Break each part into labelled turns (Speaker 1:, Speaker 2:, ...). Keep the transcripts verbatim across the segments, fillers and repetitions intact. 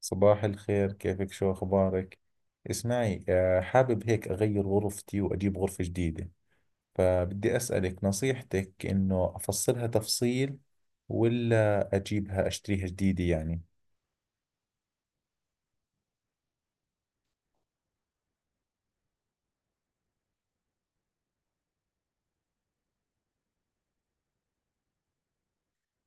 Speaker 1: صباح الخير، كيفك؟ شو أخبارك؟ اسمعي آه، حابب هيك أغير غرفتي وأجيب غرفة جديدة. فبدي أسألك نصيحتك، إنه أفصلها تفصيل ولا أجيبها أشتريها جديدة يعني.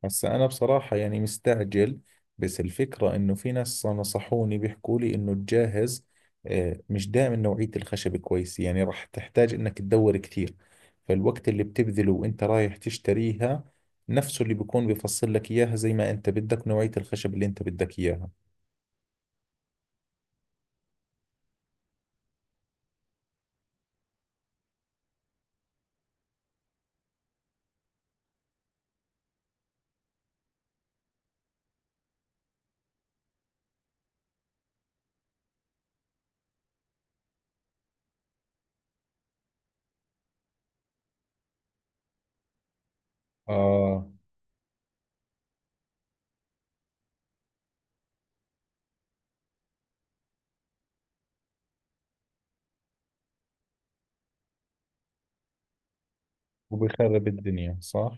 Speaker 1: بس أنا بصراحة يعني مستعجل. بس الفكرة إنه في ناس نصحوني، بيحكوا لي إنه الجاهز آه، مش دائما نوعية الخشب كويس، يعني راح تحتاج إنك تدور كثير. فالوقت اللي بتبذله وإنت رايح تشتريها نفسه اللي بيكون بيفصل لك إياها زي ما إنت بدك، نوعية الخشب اللي إنت بدك إياها. آه. وبخرب الدنيا صح؟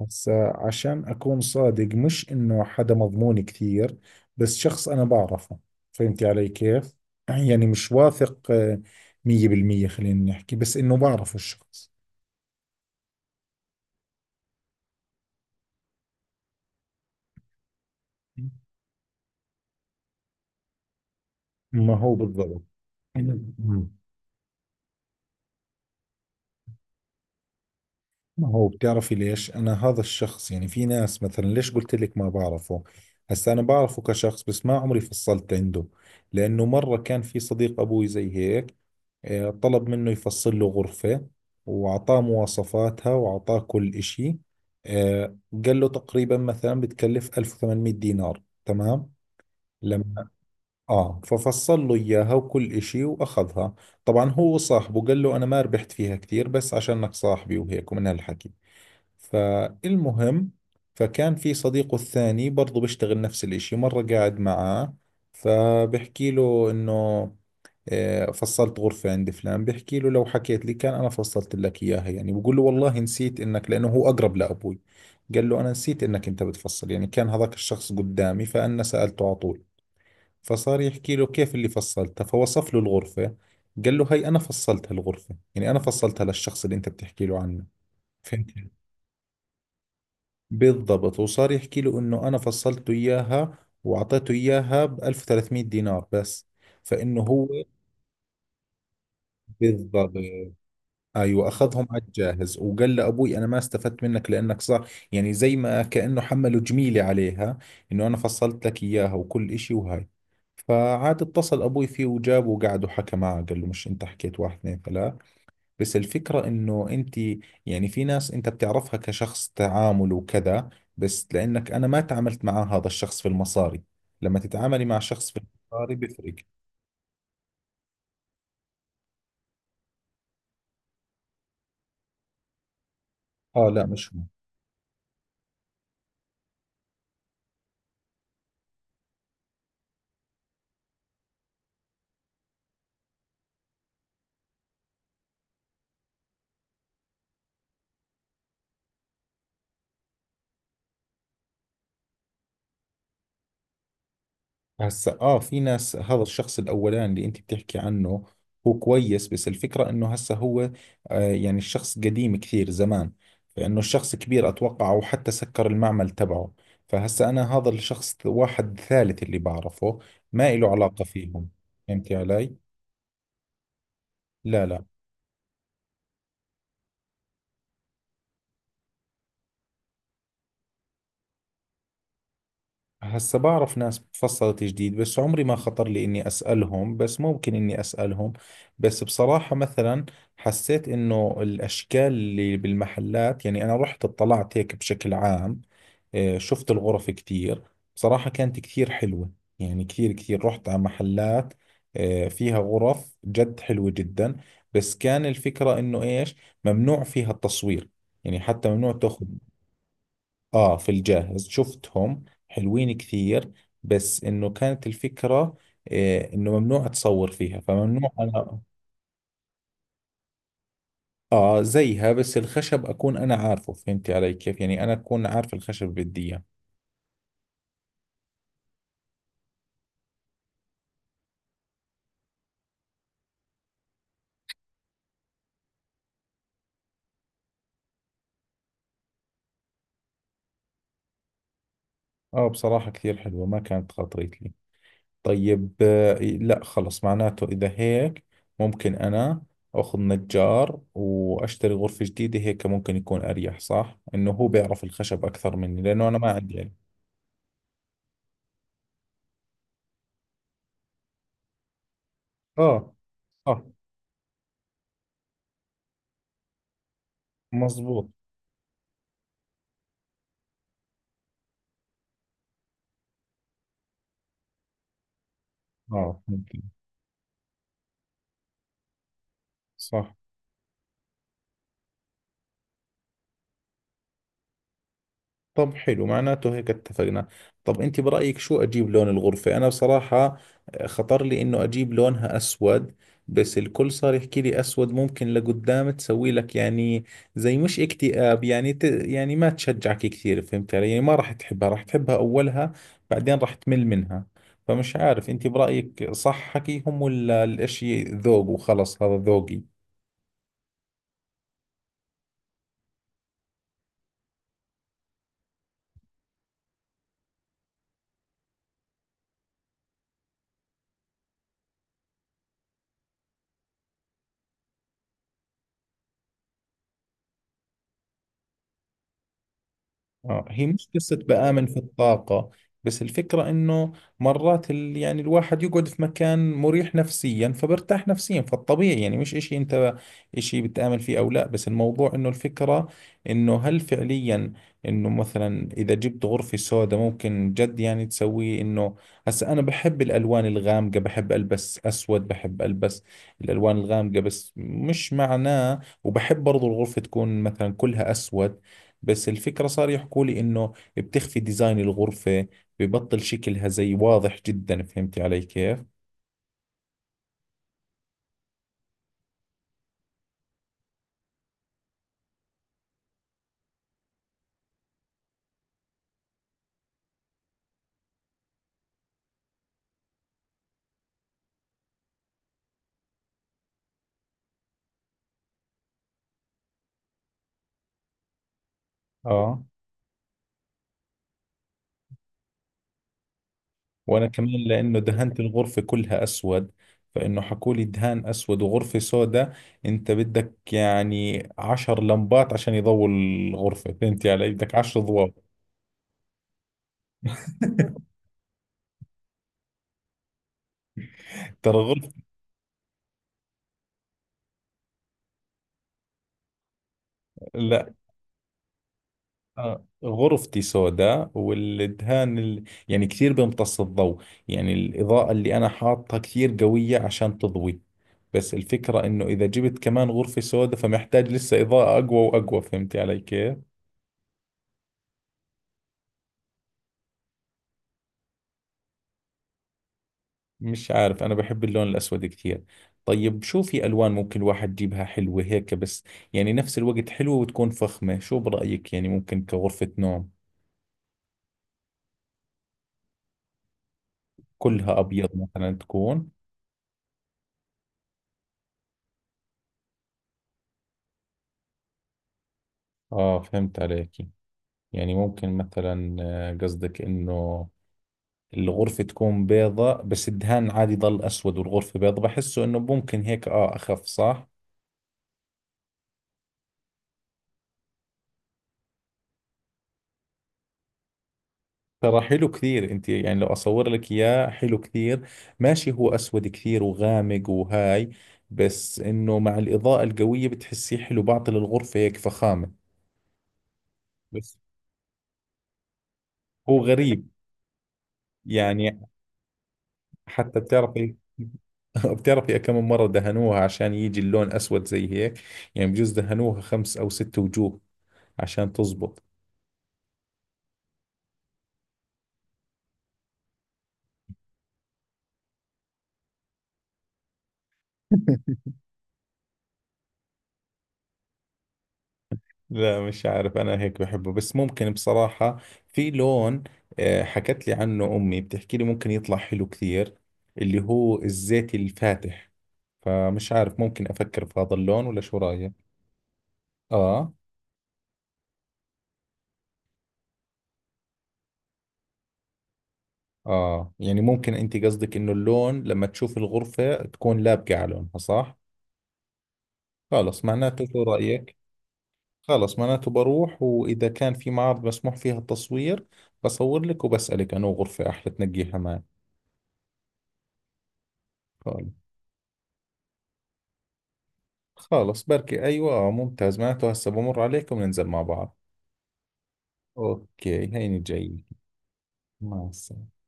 Speaker 1: هسا عشان أكون صادق، مش إنه حدا مضمون كثير، بس شخص أنا بعرفه. فهمتي علي كيف؟ يعني مش واثق آه، مية بالمية، خلينا نحكي، بس إنه بعرفه الشخص. ما هو بالضبط. مم. ما هو بتعرفي ليش أنا هذا الشخص؟ يعني في ناس مثلا، ليش قلت لك ما بعرفه. هسا أنا بعرفه كشخص، بس ما عمري فصلت عنده. لأنه مرة كان في صديق أبوي زي هيك، آه، طلب منه يفصل له غرفة، وأعطاه مواصفاتها وأعطاه كل إشي آه، قال له تقريبا مثلا بتكلف ألف وثمانمائة دينار تمام. لما آه ففصل له إياها وكل إشي وأخذها. طبعا هو صاحبه قال له أنا ما ربحت فيها كثير، بس عشانك صاحبي وهيك ومن هالحكي. فالمهم، فكان في صديقه الثاني برضه بيشتغل نفس الإشي، مرة قاعد معاه فبحكي له إنه آه، فصلت غرفة عند فلان. بحكي له: لو حكيت لي كان أنا فصلت لك إياها. يعني بقول له والله نسيت إنك، لأنه هو أقرب لأبوي. قال له أنا نسيت إنك أنت بتفصل. يعني كان هذاك الشخص قدامي، فأنا سألته على طول. فصار يحكي له كيف اللي فصلتها، فوصف له الغرفة. قال له هي أنا فصلت هالغرفة، يعني أنا فصلتها للشخص اللي أنت بتحكي له عنه. فهمت. بالضبط. وصار يحكي له إنه أنا فصلته إياها وأعطيته إياها ب ألف وثلاثمائة دينار بس، فإنه هو بالضبط. ايوه، اخذهم على الجاهز، وقال لابوي انا ما استفدت منك، لانك صار يعني زي ما كانه حمله جميله عليها، انه انا فصلت لك اياها وكل اشي وهاي. فعاد اتصل ابوي فيه وجابه وقعد وحكى معه، قال له مش انت حكيت واحد اثنين ثلاث؟ بس الفكره انه انت، يعني في ناس انت بتعرفها كشخص تعامل وكذا، بس لانك انا ما تعاملت مع هذا الشخص في المصاري. لما تتعاملي مع شخص في المصاري بيفرق. اه، لا مش هو. هسا اه، في ناس، هذا الشخص الاولاني اللي انت بتحكي عنه هو كويس، بس الفكرة انه هسا هو آه، يعني الشخص قديم كثير زمان، فانه الشخص كبير اتوقع، او حتى سكر المعمل تبعه. فهسا انا هذا الشخص واحد ثالث اللي بعرفه، ما له علاقة فيهم. فهمتي علي؟ لا لا. هسا بعرف ناس تفصلت جديد، بس عمري ما خطر لي اني اسالهم، بس ممكن اني اسالهم. بس بصراحة مثلا حسيت انه الاشكال اللي بالمحلات، يعني انا رحت اطلعت هيك بشكل عام آه، شفت الغرف كثير. بصراحة كانت كثير حلوة. يعني كثير كثير، رحت على محلات آه، فيها غرف جد حلوة جدا. بس كان الفكرة انه ايش، ممنوع فيها التصوير. يعني حتى ممنوع تاخذ. آه، في الجاهز شفتهم حلوين كثير. بس إنه كانت الفكرة إيه، إنه ممنوع أتصور فيها، فممنوع أنا. آه زيها، بس الخشب أكون أنا عارفه. فهمتي علي كيف؟ يعني أنا أكون عارف الخشب اللي بدي إياه. آه بصراحة كثير حلوة، ما كانت خاطرت لي. طيب، آه لا، خلص معناته إذا هيك، ممكن أنا أخذ نجار وأشتري غرفة جديدة هيك، ممكن يكون أريح صح؟ إنه هو بيعرف الخشب أكثر مني، لأنه أنا ما عندي علم. آه. آه. مظبوط. اه ممكن. صح. طب حلو، معناته هيك اتفقنا. طب انت برأيك شو اجيب لون الغرفة؟ انا بصراحة آه، خطر لي انه اجيب لونها اسود. بس الكل صار يحكي لي اسود ممكن لقدام تسوي لك يعني، زي مش اكتئاب يعني، ت... يعني ما تشجعك كثير. فهمت علي؟ يعني ما راح تحبها، راح تحبها اولها بعدين راح تمل منها. فمش عارف، انت برأيك صح حكيهم ولا الاشي ذوق وخلص هذا ذوقي؟ آه، هي مش قصة بآمن في الطاقة. بس الفكرة إنه مرات ال... يعني الواحد يقعد في مكان مريح نفسيا فبرتاح نفسيا، فالطبيعي يعني مش إشي أنت إشي بتآمن فيه أو لا. بس الموضوع إنه الفكرة إنه هل فعليا إنه مثلا إذا جبت غرفة سوداء ممكن جد يعني تسويه إنه. هسا أنا بحب الألوان الغامقة، بحب ألبس أسود، بحب ألبس الألوان الغامقة، بس مش معناه، وبحب برضو الغرفة تكون مثلا كلها أسود. بس الفكرة صار يحكوا لي إنه بتخفي ديزاين الغرفة، ببطل شكلها زي واضح جدا. فهمتي علي كيف؟ اه. وأنا كمان لأنه دهنت الغرفة كلها أسود، فإنه حكوا لي دهان أسود وغرفة سوداء، أنت بدك يعني عشر لمبات عشان يضوي الغرفة. فهمتي علي؟ بدك عشر أضواء. ترى غرفة. لا. آه، غرفتي سوداء، والدهان ال... يعني كثير بيمتص الضوء. يعني الإضاءة اللي أنا حاطها كثير قوية عشان تضوي، بس الفكرة إنه إذا جبت كمان غرفة سوداء فمحتاج لسه إضاءة أقوى وأقوى. فهمتي علي كيف؟ مش عارف، أنا بحب اللون الأسود كثير. طيب شو في ألوان ممكن الواحد يجيبها حلوة هيك بس، يعني نفس الوقت حلوة وتكون فخمة؟ شو برأيك يعني؟ ممكن كغرفة نوم كلها أبيض مثلا تكون؟ آه فهمت عليك. يعني ممكن مثلا آه، قصدك انه الغرفة تكون بيضة، بس الدهان عادي ضل اسود والغرفة بيضة، بحسه انه ممكن هيك، اه اخف صح. ترى حلو كثير انت، يعني لو اصور لك اياه حلو كثير. ماشي هو اسود كثير وغامق وهاي، بس انه مع الاضاءة القوية بتحسيه حلو، بعطي للغرفة هيك فخامة. بس. هو غريب، يعني حتى بتعرفي، بتعرفي كم مرة دهنوها عشان يجي اللون اسود زي هيك؟ يعني بجوز دهنوها خمس او ست وجوه عشان تزبط. لا مش عارف، انا هيك بحبه. بس ممكن بصراحة في لون آه، حكت لي عنه امي، بتحكي لي ممكن يطلع حلو كثير، اللي هو الزيتي الفاتح. فمش عارف، ممكن افكر في هذا اللون ولا؟ شو رايك؟ اه. اه، يعني ممكن انت قصدك انه اللون لما تشوف الغرفة تكون لابقة على لونها صح. خلص معناته، شو رايك؟ خلص معناته بروح، واذا كان في معارض مسموح فيها التصوير بصور لك وبسألك انه غرفة احلى تنقيها معي. خالص، بركي. أيوة، آه، ممتاز. معناته هسه بمر عليكم ننزل مع بعض. أوكي هيني جاي. مع السلامة.